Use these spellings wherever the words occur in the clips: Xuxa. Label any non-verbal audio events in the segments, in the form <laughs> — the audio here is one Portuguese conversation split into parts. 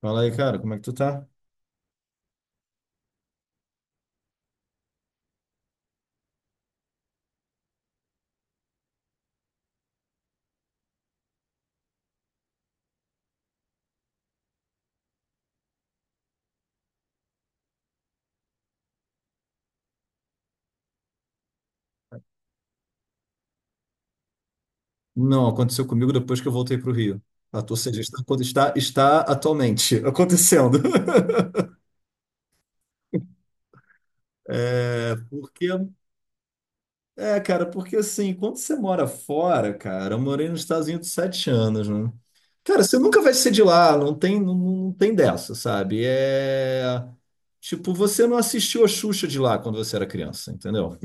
Fala aí, cara, como é que tu tá? Não, aconteceu comigo depois que eu voltei pro Rio. Ou seja, está atualmente acontecendo. <laughs> É, porque, Cara, porque assim, quando você mora fora, cara, eu morei nos Estados Unidos sete anos, né? Cara, você nunca vai ser de lá, não tem, não tem dessa, sabe? Tipo, você não assistiu a Xuxa de lá quando você era criança, entendeu?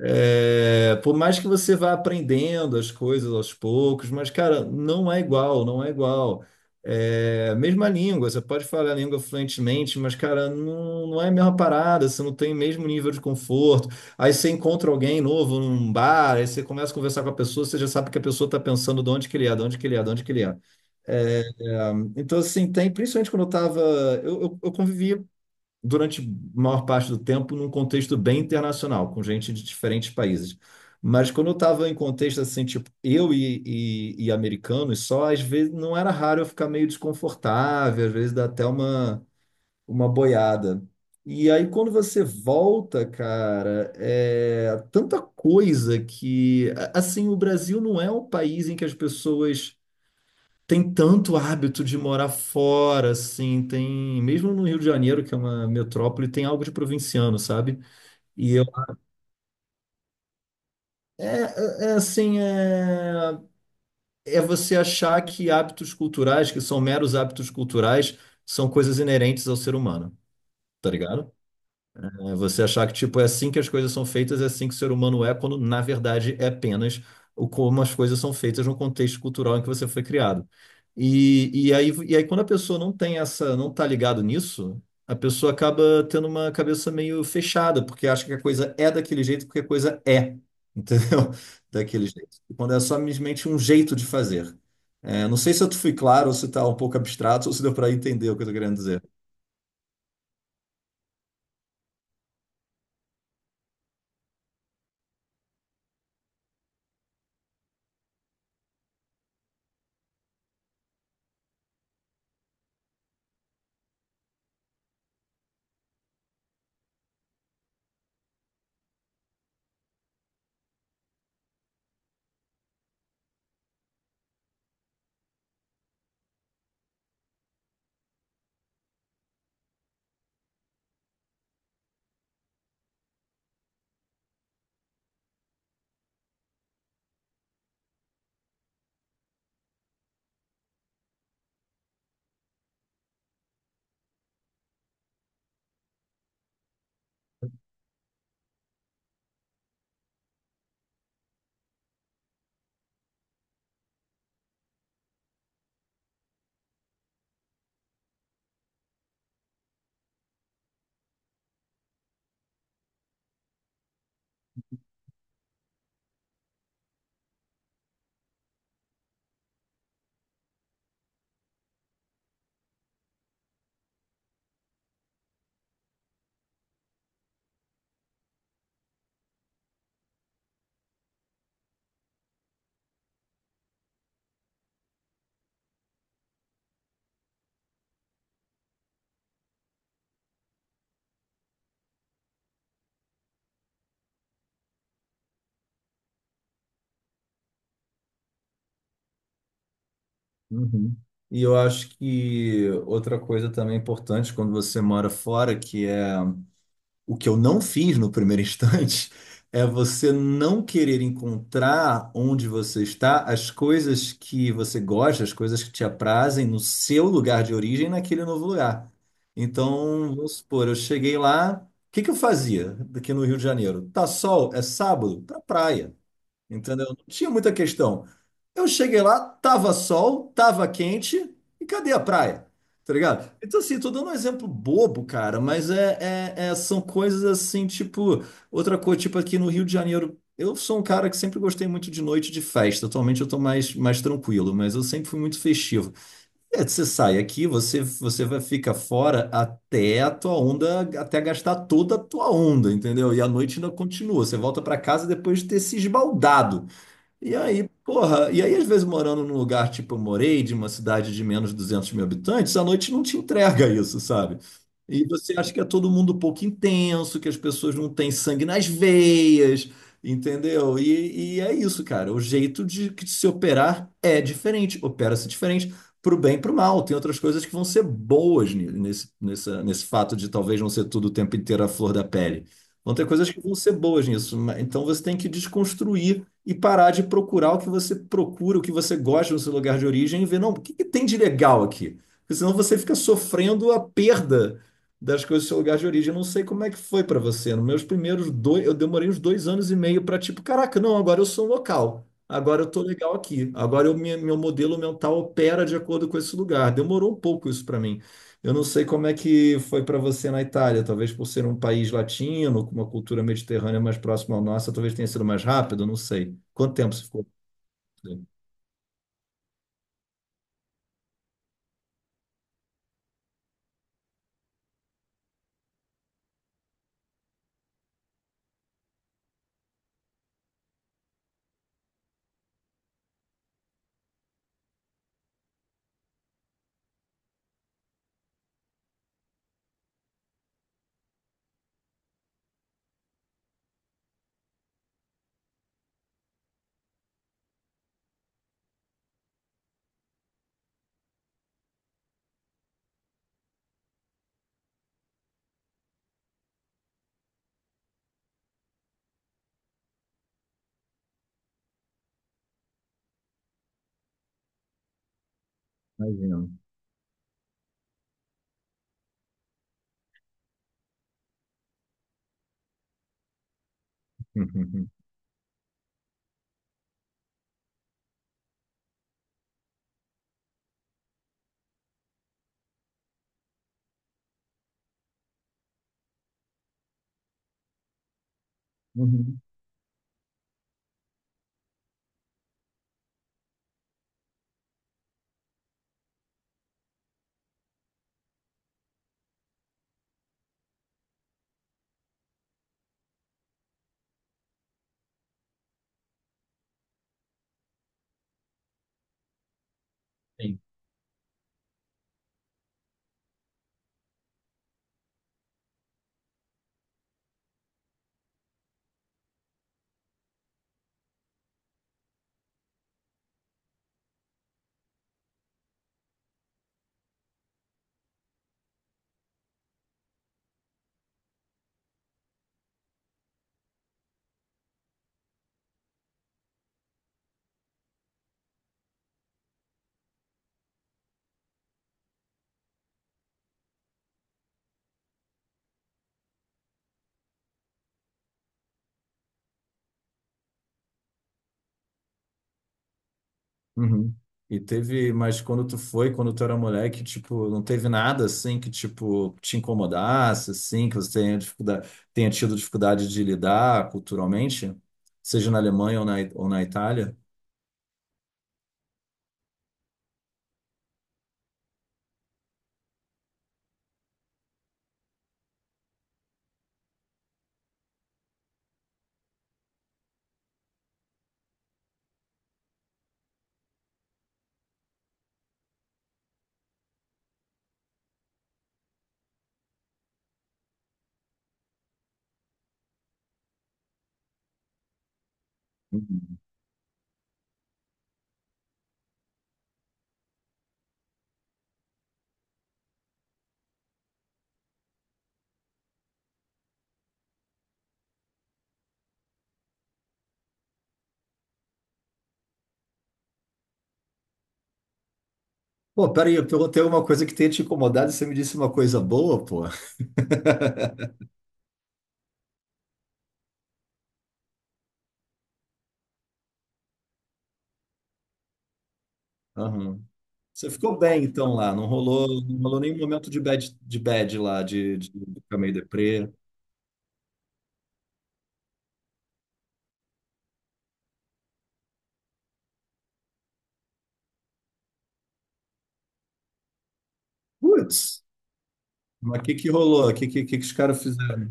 É, por mais que você vá aprendendo as coisas aos poucos, mas, cara, não é igual, não é igual. É, mesma língua, você pode falar a língua fluentemente, mas, cara, não é a mesma parada, você não tem o mesmo nível de conforto. Aí você encontra alguém novo num bar, aí você começa a conversar com a pessoa, você já sabe que a pessoa está pensando de onde que ele é, de onde que ele é, de onde que ele é. É, então, assim, tem, principalmente quando eu tava. Eu convivi durante a maior parte do tempo num contexto bem internacional, com gente de diferentes países. Mas quando eu estava em contexto assim, tipo, eu e americanos só, às vezes não era raro eu ficar meio desconfortável, às vezes dá até uma boiada. E aí quando você volta, cara, é tanta coisa que, assim, o Brasil não é um país em que as pessoas tem tanto hábito de morar fora, assim, tem, mesmo no Rio de Janeiro, que é uma metrópole, tem algo de provinciano, sabe? E eu, é, é é assim, é, É você achar que hábitos culturais, que são meros hábitos culturais, são coisas inerentes ao ser humano, tá ligado? É você achar que tipo é assim que as coisas são feitas, é assim que o ser humano é, quando na verdade é apenas o como as coisas são feitas no contexto cultural em que você foi criado. E aí quando a pessoa não tem essa, não tá ligado nisso, a pessoa acaba tendo uma cabeça meio fechada, porque acha que a coisa é daquele jeito, porque a coisa é, entendeu? <laughs> Daquele jeito. E quando é simplesmente um jeito de fazer. É, não sei se eu fui claro, ou se está um pouco abstrato, ou se deu para entender o que eu estou querendo dizer. Uhum. E eu acho que outra coisa também importante quando você mora fora, que é o que eu não fiz no primeiro instante <laughs> é você não querer encontrar onde você está as coisas que você gosta, as coisas que te aprazem no seu lugar de origem, naquele novo lugar. Então, vamos supor, eu cheguei lá, o que que eu fazia aqui no Rio de Janeiro? Tá sol, é sábado, pra praia. Entendeu? Não tinha muita questão. Eu cheguei lá, tava sol, tava quente, e cadê a praia? Tá ligado? Então, assim, tô dando um exemplo bobo, cara, mas são coisas assim, tipo, outra coisa, tipo aqui no Rio de Janeiro, eu sou um cara que sempre gostei muito de noite de festa. Atualmente eu tô mais, mais tranquilo, mas eu sempre fui muito festivo. É, você sai aqui, você vai ficar fora até a tua onda, até gastar toda a tua onda, entendeu? E a noite ainda continua. Você volta pra casa depois de ter se esbaldado. E aí, porra, e aí às vezes morando num lugar tipo eu morei, de uma cidade de menos de 200 mil habitantes, à noite não te entrega isso, sabe? E você acha que é todo mundo um pouco intenso, que as pessoas não têm sangue nas veias, entendeu? E é isso, cara. O jeito de se operar é diferente, opera-se diferente, pro bem e pro mal. Tem outras coisas que vão ser boas nesse fato de talvez não ser tudo o tempo inteiro a flor da pele. Vão ter coisas que vão ser boas nisso, mas então você tem que desconstruir e parar de procurar o que você procura, o que você gosta no seu lugar de origem e ver, não, o que que tem de legal aqui? Porque senão você fica sofrendo a perda das coisas do seu lugar de origem. Eu não sei como é que foi para você. Nos meus primeiros dois, eu demorei uns dois anos e meio para tipo, caraca, não, agora eu sou um local. Agora eu tô legal aqui. Meu modelo mental opera de acordo com esse lugar. Demorou um pouco isso para mim. Eu não sei como é que foi para você na Itália, talvez por ser um país latino, com uma cultura mediterrânea mais próxima à nossa, talvez tenha sido mais rápido, não sei. Quanto tempo você ficou? Imagino. Uhum. Uhum. Sim. Uhum. E teve, mas quando tu foi, quando tu era moleque, tipo, não teve nada assim que, tipo, te incomodasse, assim, que você tenha dificuldade, tenha tido dificuldade de lidar culturalmente, seja na Alemanha ou ou na Itália? Pô, peraí, eu perguntei alguma coisa que tenha te incomodado e você me disse uma coisa boa, pô. Aham. Você ficou bem então lá, não rolou, não rolou nenhum momento de bad lá, de ficar meio deprê. Putz, mas o que que rolou? O que que os caras fizeram?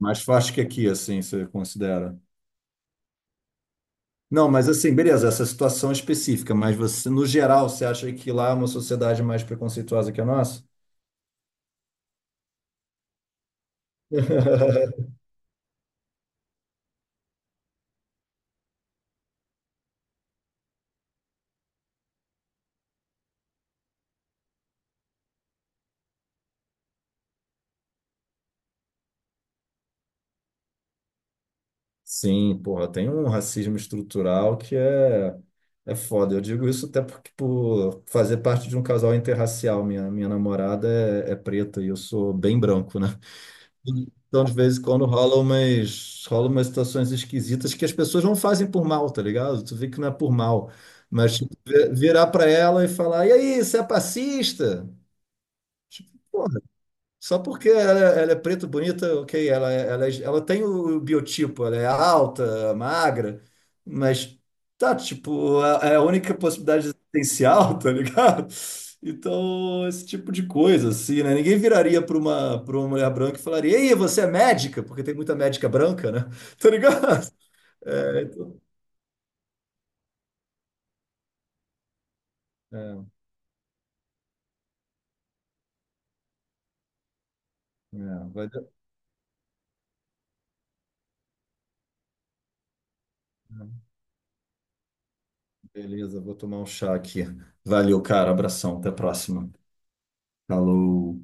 Mais forte que aqui, assim, você considera? Não, mas assim, beleza, essa situação específica, mas você, no geral, você acha que lá é uma sociedade mais preconceituosa que a nossa? <laughs> Sim, porra, tem um racismo estrutural que é, é foda. Eu digo isso até porque por fazer parte de um casal interracial. Minha namorada é preta e eu sou bem branco, né? Então, de vez em quando rola umas situações esquisitas que as pessoas não fazem por mal, tá ligado? Tu vê que não é por mal. Mas tipo, virar pra ela e falar, e aí, você é passista? Só porque ela é preta, bonita, ok, ela tem o biotipo, ela é alta, magra, mas tá, tipo, é é a única possibilidade existencial, <laughs> tá ligado? Então, esse tipo de coisa, assim, né? Ninguém viraria para uma mulher branca e falaria, ei, você é médica? Porque tem muita médica branca, né? <laughs> Tá ligado? É, então, é, é, vai dar- Beleza, vou tomar um chá aqui. Valeu, cara, abração, até a próxima. Falou.